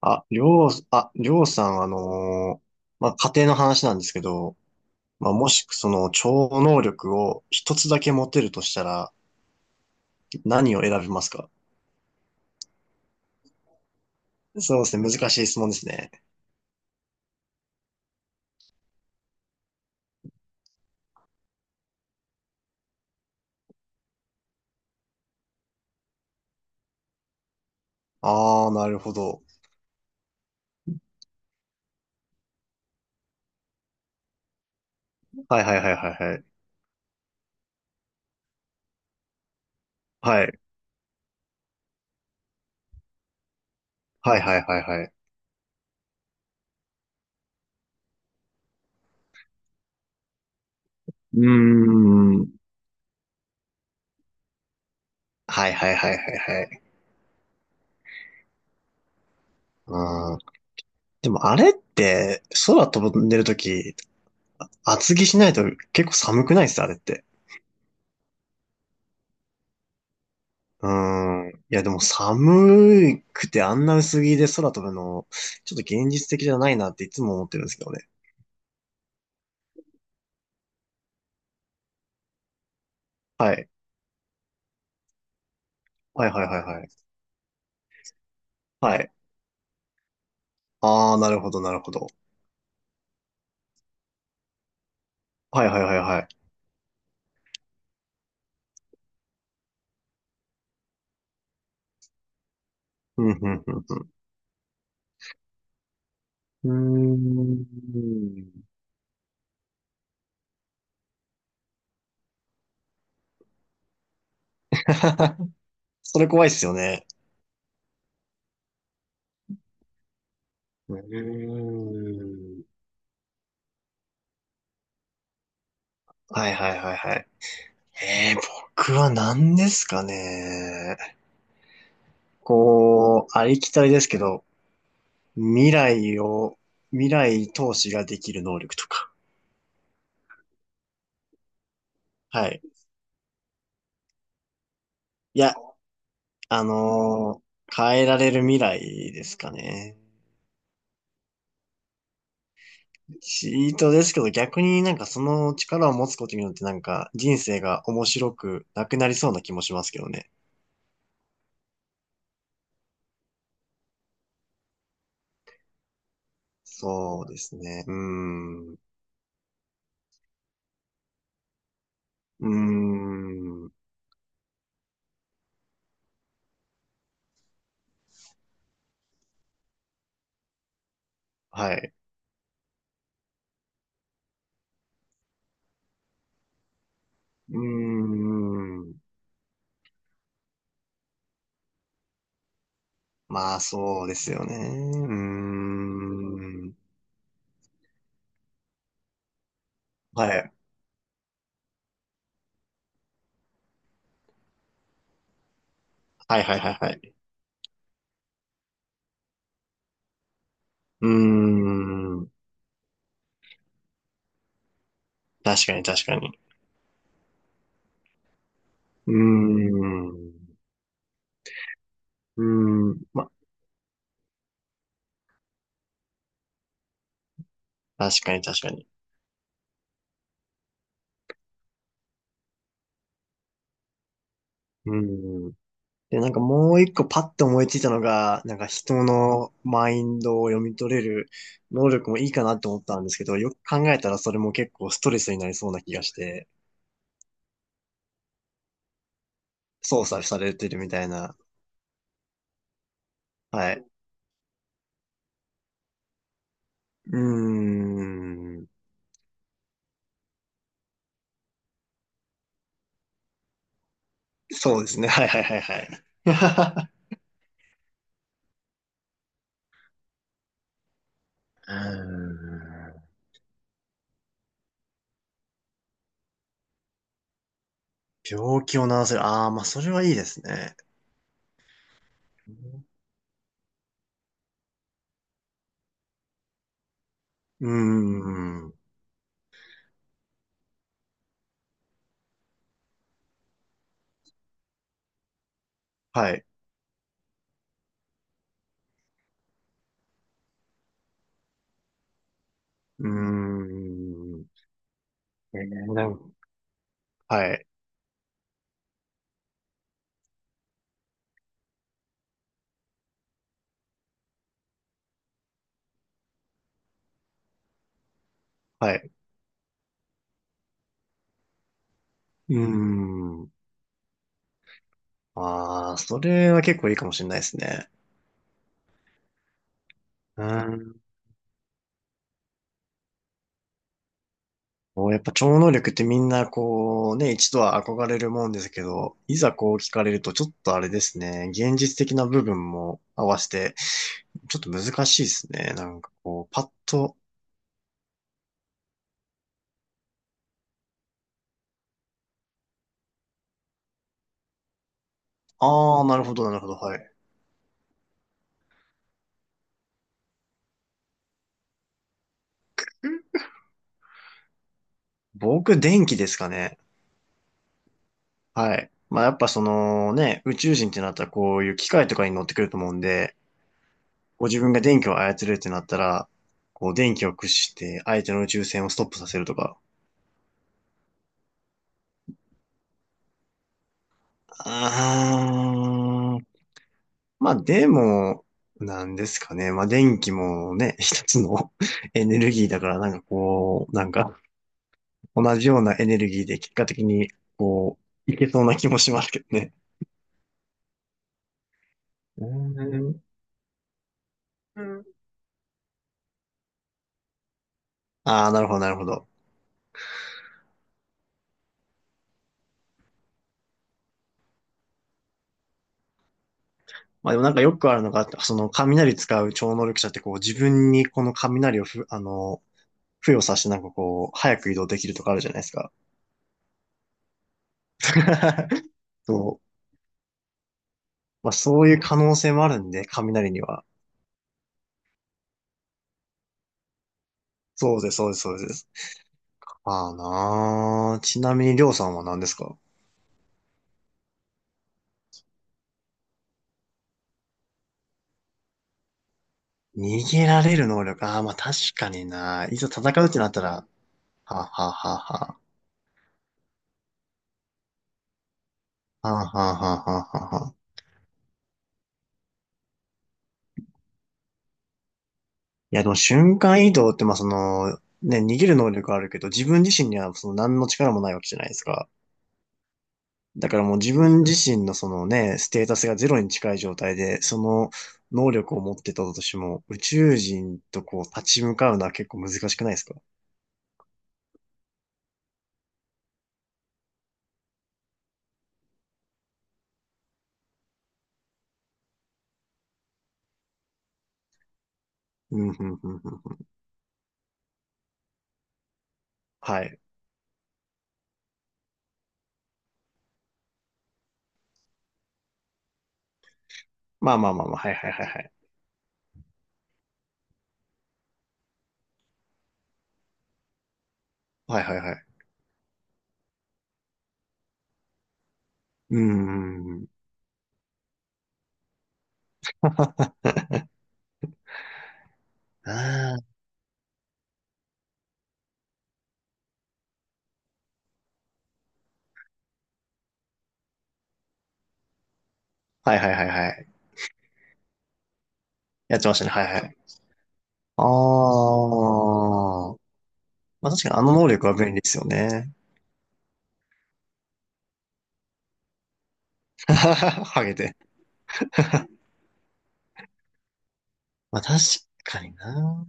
あ、りょう、あ、りょうさん、まあ、家庭の話なんですけど、まあ、もしその超能力を一つだけ持てるとしたら何を選びますか？そうですね、難しい質問ですね。ああ、なるほど。はいはいはいはいはい。はい、はいはいはいはい。うーん。はいはいはいはいはい。うーん。でもあれって空飛んでるとき厚着しないと結構寒くないですあれって。うーん。いや、でも寒くてあんな薄着で空飛ぶの、ちょっと現実的じゃないなっていつも思ってるんですけどね。はい。はいはいはいはい。はい。ああ、なるほどなるほど。はいはいはいはい。うん、うん、うん、うん。うーん。それ怖いっすよね。うーん。はいはいはいはい。えー、僕は何ですかね。こう、ありきたりですけど、未来を、未来投資ができる能力とか。はい。いや、あのー変えられる未来ですかね。チートですけど、逆になんかその力を持つことによってなんか人生が面白くなくなりそうな気もしますけどね。そうですね。うーん。うーん。はい。うーん。まあそうですよね。うーん。はい。はいはいはいはい。うーん。確かに確かに。うーん。うーん。確かに確かに。うん。で、なんかもう一個パッと思いついたのが、なんか人のマインドを読み取れる能力もいいかなって思ったんですけど、よく考えたらそれも結構ストレスになりそうな気がして、操作されてるみたいな。はい。うーん。そうですね。はいはいはいはい。うーん。病気を治せる。ああ、まあそれはいいですね。うーん。はい。うーん。えーなんはい。はい。うーん。ああ、それは結構いいかもしれないですね。うん。こうやっぱ超能力ってみんなこうね、一度は憧れるもんですけど、いざこう聞かれるとちょっとあれですね、現実的な部分も合わせて、ちょっと難しいですね。なんかこう、パッと、ああ、なるほど、なるほど、はい。僕、電気ですかね。はい。まあやっぱそのね、宇宙人ってなったらこういう機械とかに乗ってくると思うんで、ご自分が電気を操れるってなったら、こう電気を駆使して相手の宇宙船をストップさせるとか。あー、まあでも、なんですかね。まあ電気もね、一つの エネルギーだから、なんかこう、なんか同じようなエネルギーで結果的に、こう、いけそうな気もしますけどね。うーん。ああ、なるほど、なるほど。まあでもなんかよくあるのが、その雷使う超能力者ってこう自分にこの雷をふ、付与させてなんかこう、早く移動できるとかあるじゃないですか。そう。まあそういう可能性もあるんで、雷には。そうです、そうです、そうです。ああなあ。ちなみに、りょうさんは何ですか？逃げられる能力。ああ、まあ確かにな。いざ戦うってなったら、はあ、はあはあはあ、はあ、はあはあはあはあ。いや、でも瞬間移動って、まあその、ね、逃げる能力あるけど、自分自身にはその何の力もないわけじゃないですか。だからもう自分自身のそのね、ステータスがゼロに近い状態で、その能力を持ってたとしても、宇宙人とこう立ち向かうのは結構難しくないですか？うん、うん、うん、うん。はい。まあまあまあまあ、はいはいはいはい。はいはいはい。うん、うん、うん。ああ、はいはいはいはい。やってましたね、はいはい。ああ、まあ確かにあの能力は便利ですよね。ハゲて。まあ確かにな。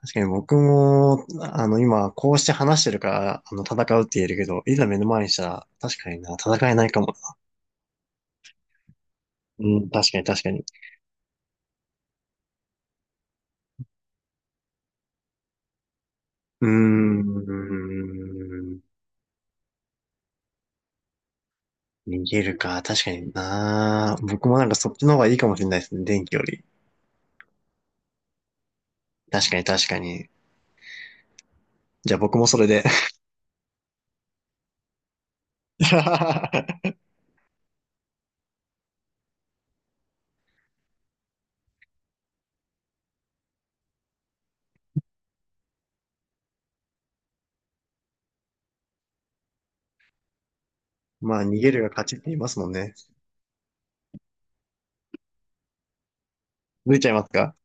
確かに僕も、今、こうして話してるから、戦うって言えるけど、いざ目の前にしたら、確かにな、戦えないかも。うん、確かに確かに。うーん、逃げるか、確かにな。僕もなんかそっちの方がいいかもしれないですね、電気より。確かに確かに。じゃあ僕もそれで。まあ、逃げるが勝ちって言いますもんね。抜いちゃいますか？